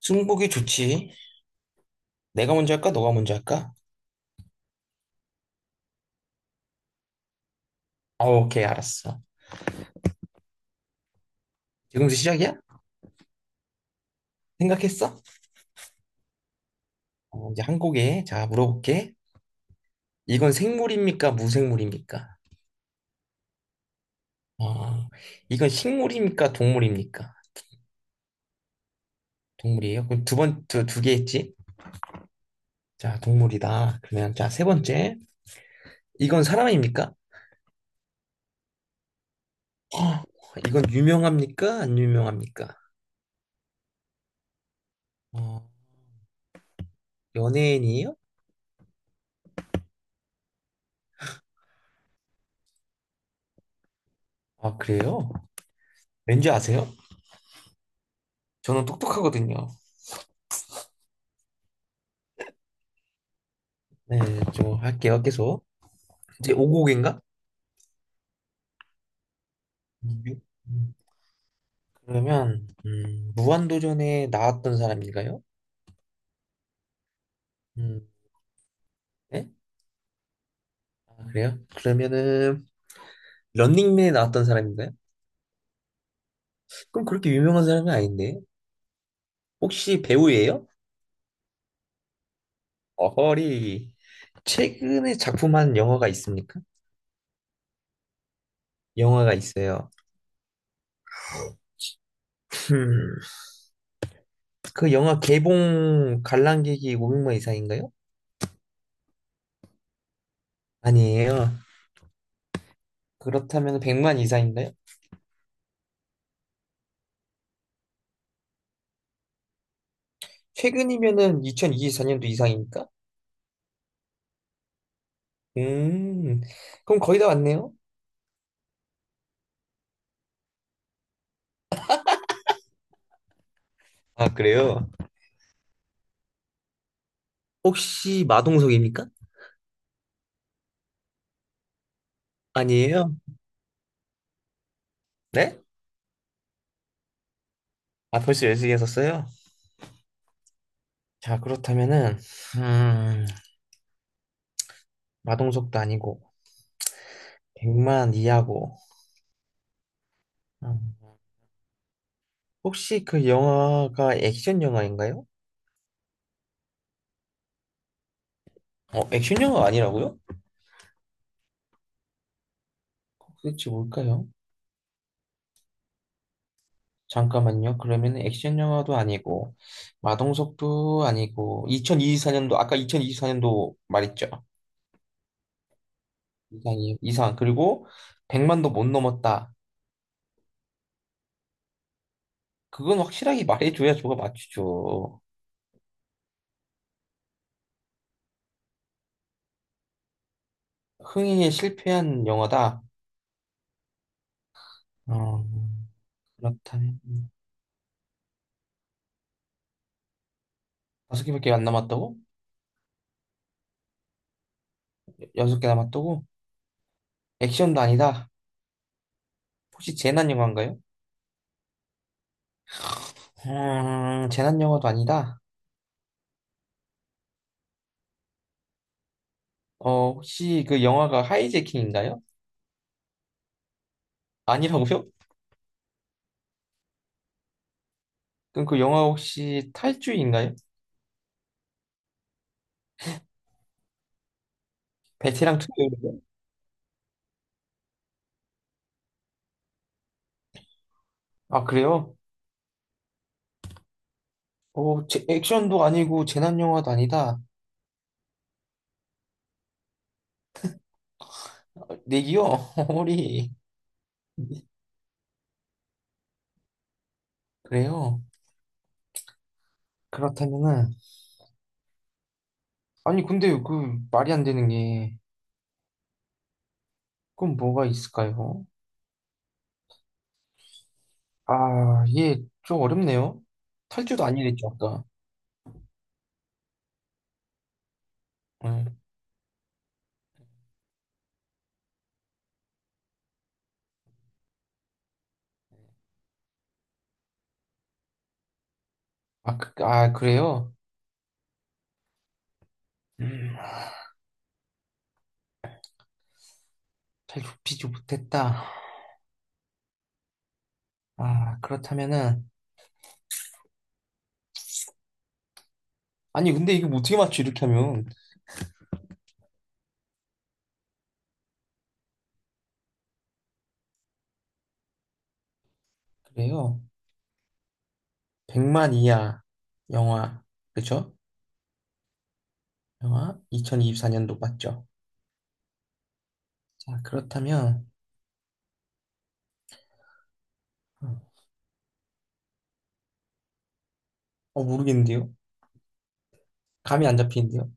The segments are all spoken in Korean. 승복이 좋지. 내가 먼저 할까? 너가 먼저 할까? 어, 오케이, 알았어. 지금부터 시작이야? 생각했어? 어, 이제 한 곡에, 자, 물어볼게. 이건 생물입니까? 무생물입니까? 어, 이건 식물입니까? 동물입니까? 동물이에요? 그럼 두 번, 두 개 했지? 자, 동물이다. 그러면, 자, 세 번째. 이건 사람입니까? 어, 이건 유명합니까? 안 유명합니까? 어, 연예인이에요? 아, 그래요? 왠지 아세요? 저는 똑똑하거든요. 네, 좀 할게요, 계속. 이제 5곡인가? 그러면 무한도전에 나왔던 사람인가요? 음, 네? 아, 그래요? 그러면은 런닝맨에 나왔던 사람인가요? 그럼 그렇게 유명한 사람은 아닌데 혹시 배우예요? 어허리 최근에 작품한 영화가 있습니까? 영화가 있어요. 음, 그 영화 개봉 관람객이 500만 이상인가요? 아니에요. 그렇다면 100만 이상인가요? 최근이면은 2024년도 이상이니까? 음, 그럼 거의 다 왔네요. 아, 그래요? 혹시 마동석입니까? 아니에요. 네? 아, 벌써 열0시에 썼어요? 자, 그렇다면은, 음, 마동석도 아니고, 백만 이하고, 음, 혹시 그 영화가 액션 영화인가요? 어, 액션 영화가 아니라고요? 도대체 뭘까요? 잠깐만요. 그러면 액션 영화도 아니고, 마동석도 아니고, 2024년도, 아까 2024년도 말했죠. 이상이에요. 이상. 그리고 백만도 못 넘었다. 그건 확실하게 말해줘야 저가 맞추죠. 흥행에 실패한 영화다. 어, 그렇다면 다섯 개밖에 안 남았다고? 여섯 개 남았다고? 액션도 아니다. 혹시 재난 영화인가요? 재난 영화도 아니다. 어, 혹시 그 영화가 하이제킹인가요? 아니라고요? 그럼 그 영화 혹시 탈주인가요? 베테랑 투어인가요? 아, 그래요? 어, 제, 액션도 아니고 재난 영화도 아니다. 아, 내기요? 허리. 그래요? 그렇다면은 아니, 근데 그 말이 안 되는 게, 그건 뭐가 있을까요? 아, 예, 좀 어렵네요. 탈주도 아니랬죠, 아까. 음. 그래요? 음, 잘 좁히지 못했다. 아, 그렇다면은, 아니, 근데 이게 뭐 어떻게 맞죠, 이렇게 하면. 그래요. 100만 이하 영화, 그죠? 영화 2024년도 맞죠? 자, 그렇다면, 어, 모르겠는데요? 감이 안 잡히는데요?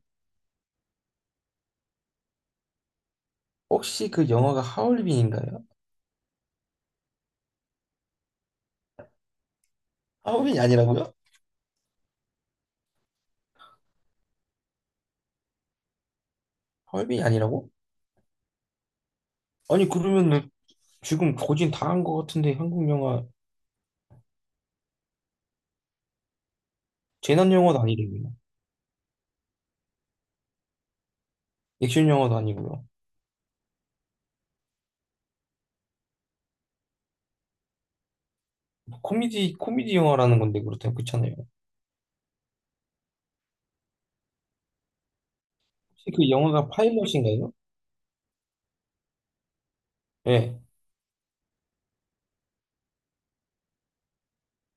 혹시 그 영화가 하얼빈인가요? 하얼빈이 아니라고요? 하얼빈이 아니라고? 아니 그러면은 지금 거진 다 한 것 같은데 한국 영화 재난 영화도 아니고요. 액션 영화도 아니고요. 뭐 코미디 영화라는 건데 그렇다면 그렇잖아요. 혹시 그 영화가 파이머신가요? 예,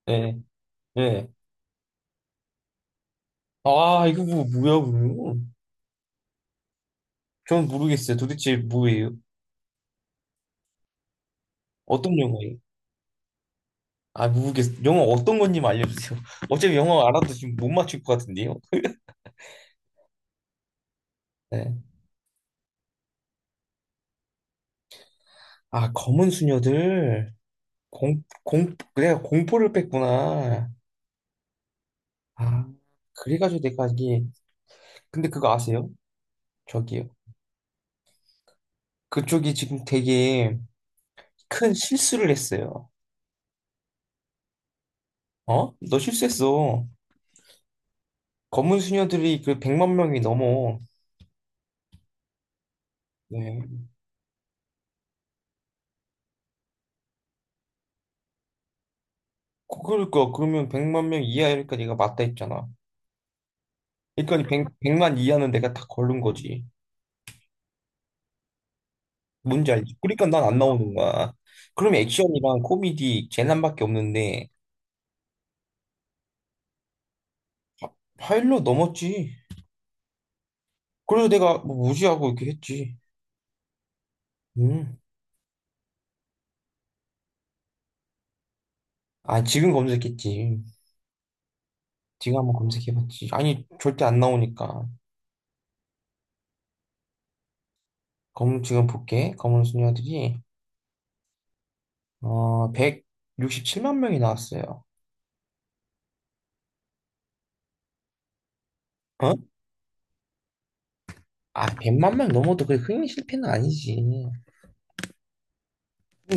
예, 예. 아 이거 뭐 뭐야? 그러면? 전 모르겠어요. 도대체 뭐예요? 어떤 영화예요? 아 모르겠어요. 영화 어떤 건지 알려주세요. 어차피 영화 알아도 지금 못 맞출 것 같은데요. 네. 아 검은 수녀들 공 내가 공포를 뺐구나. 아 그래가지고 내가 이게 근데 그거 아세요? 저기요. 그쪽이 지금 되게 큰 실수를 했어요. 어? 너 실수했어. 검은 수녀들이 그 100만 명이 넘어. 네. 그러니까 그러면 100만 명 이하니까 네가 맞다 했잖아. 그러니까 100, 만 이하는 내가 다 걸른 거지. 뭔지 알지? 그러니까 난 안 나오는 거야. 그럼 액션이랑 코미디 재난밖에 없는데 파일로 넘었지. 그래서 내가 뭐 무시하고 이렇게 했지. 음. 아, 지금 검색했지. 지금 한번 검색해봤지. 아니, 절대 안 나오니까. 검, 지금 볼게. 검은 수녀들이, 어, 167만 명이 나왔어요. 어? 아, 100만 명 넘어도 그게 흥행 실패는 아니지. 흥행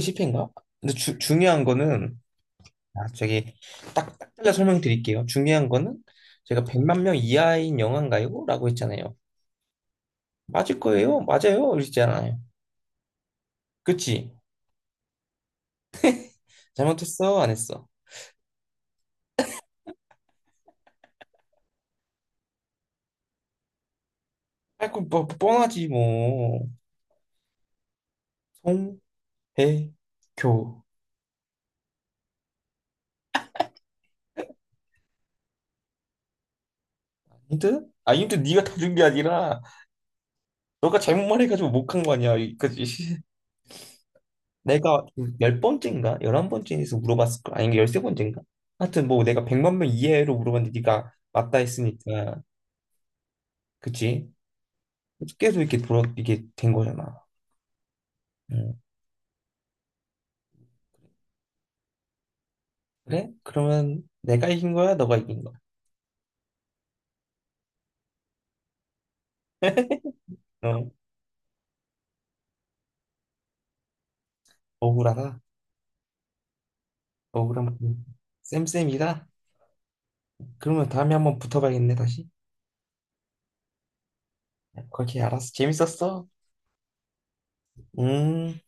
실패인가? 근데 주, 중요한 거는, 아, 저기, 딱, 딱 잘라 설명드릴게요. 중요한 거는, 제가 100만 명 이하인 영화인가요? 라고 했잖아요. 맞을 거예요? 맞아요? 이랬잖아요. 그치? 잘못했어? 안 했어? 아, 그, 뭐, 뻔하지, 뭐. 송, 배, 교. 힌트? 아, 힌트 네가 다 준 게 아니라, 너가 잘못만 해가지고 못 간 거 아니야. 그지? 내가 열 번째인가? 열한 번째에서 물어봤을 거 아니, 열세 번째인가? 하여튼 뭐 내가 백만 명 이하로 물어봤는데 네가 맞다 했으니까. 그치? 계속 이렇게 돌아, 이게 된 거잖아. 응. 그래? 그러면 내가 이긴 거야? 너가 이긴 거야? 어, 억울하다. 억울한면 쌤쌤이다. 그러면 다음에 한번 붙어봐야겠네, 다시. 그렇게 알았어. 재밌었어? 음.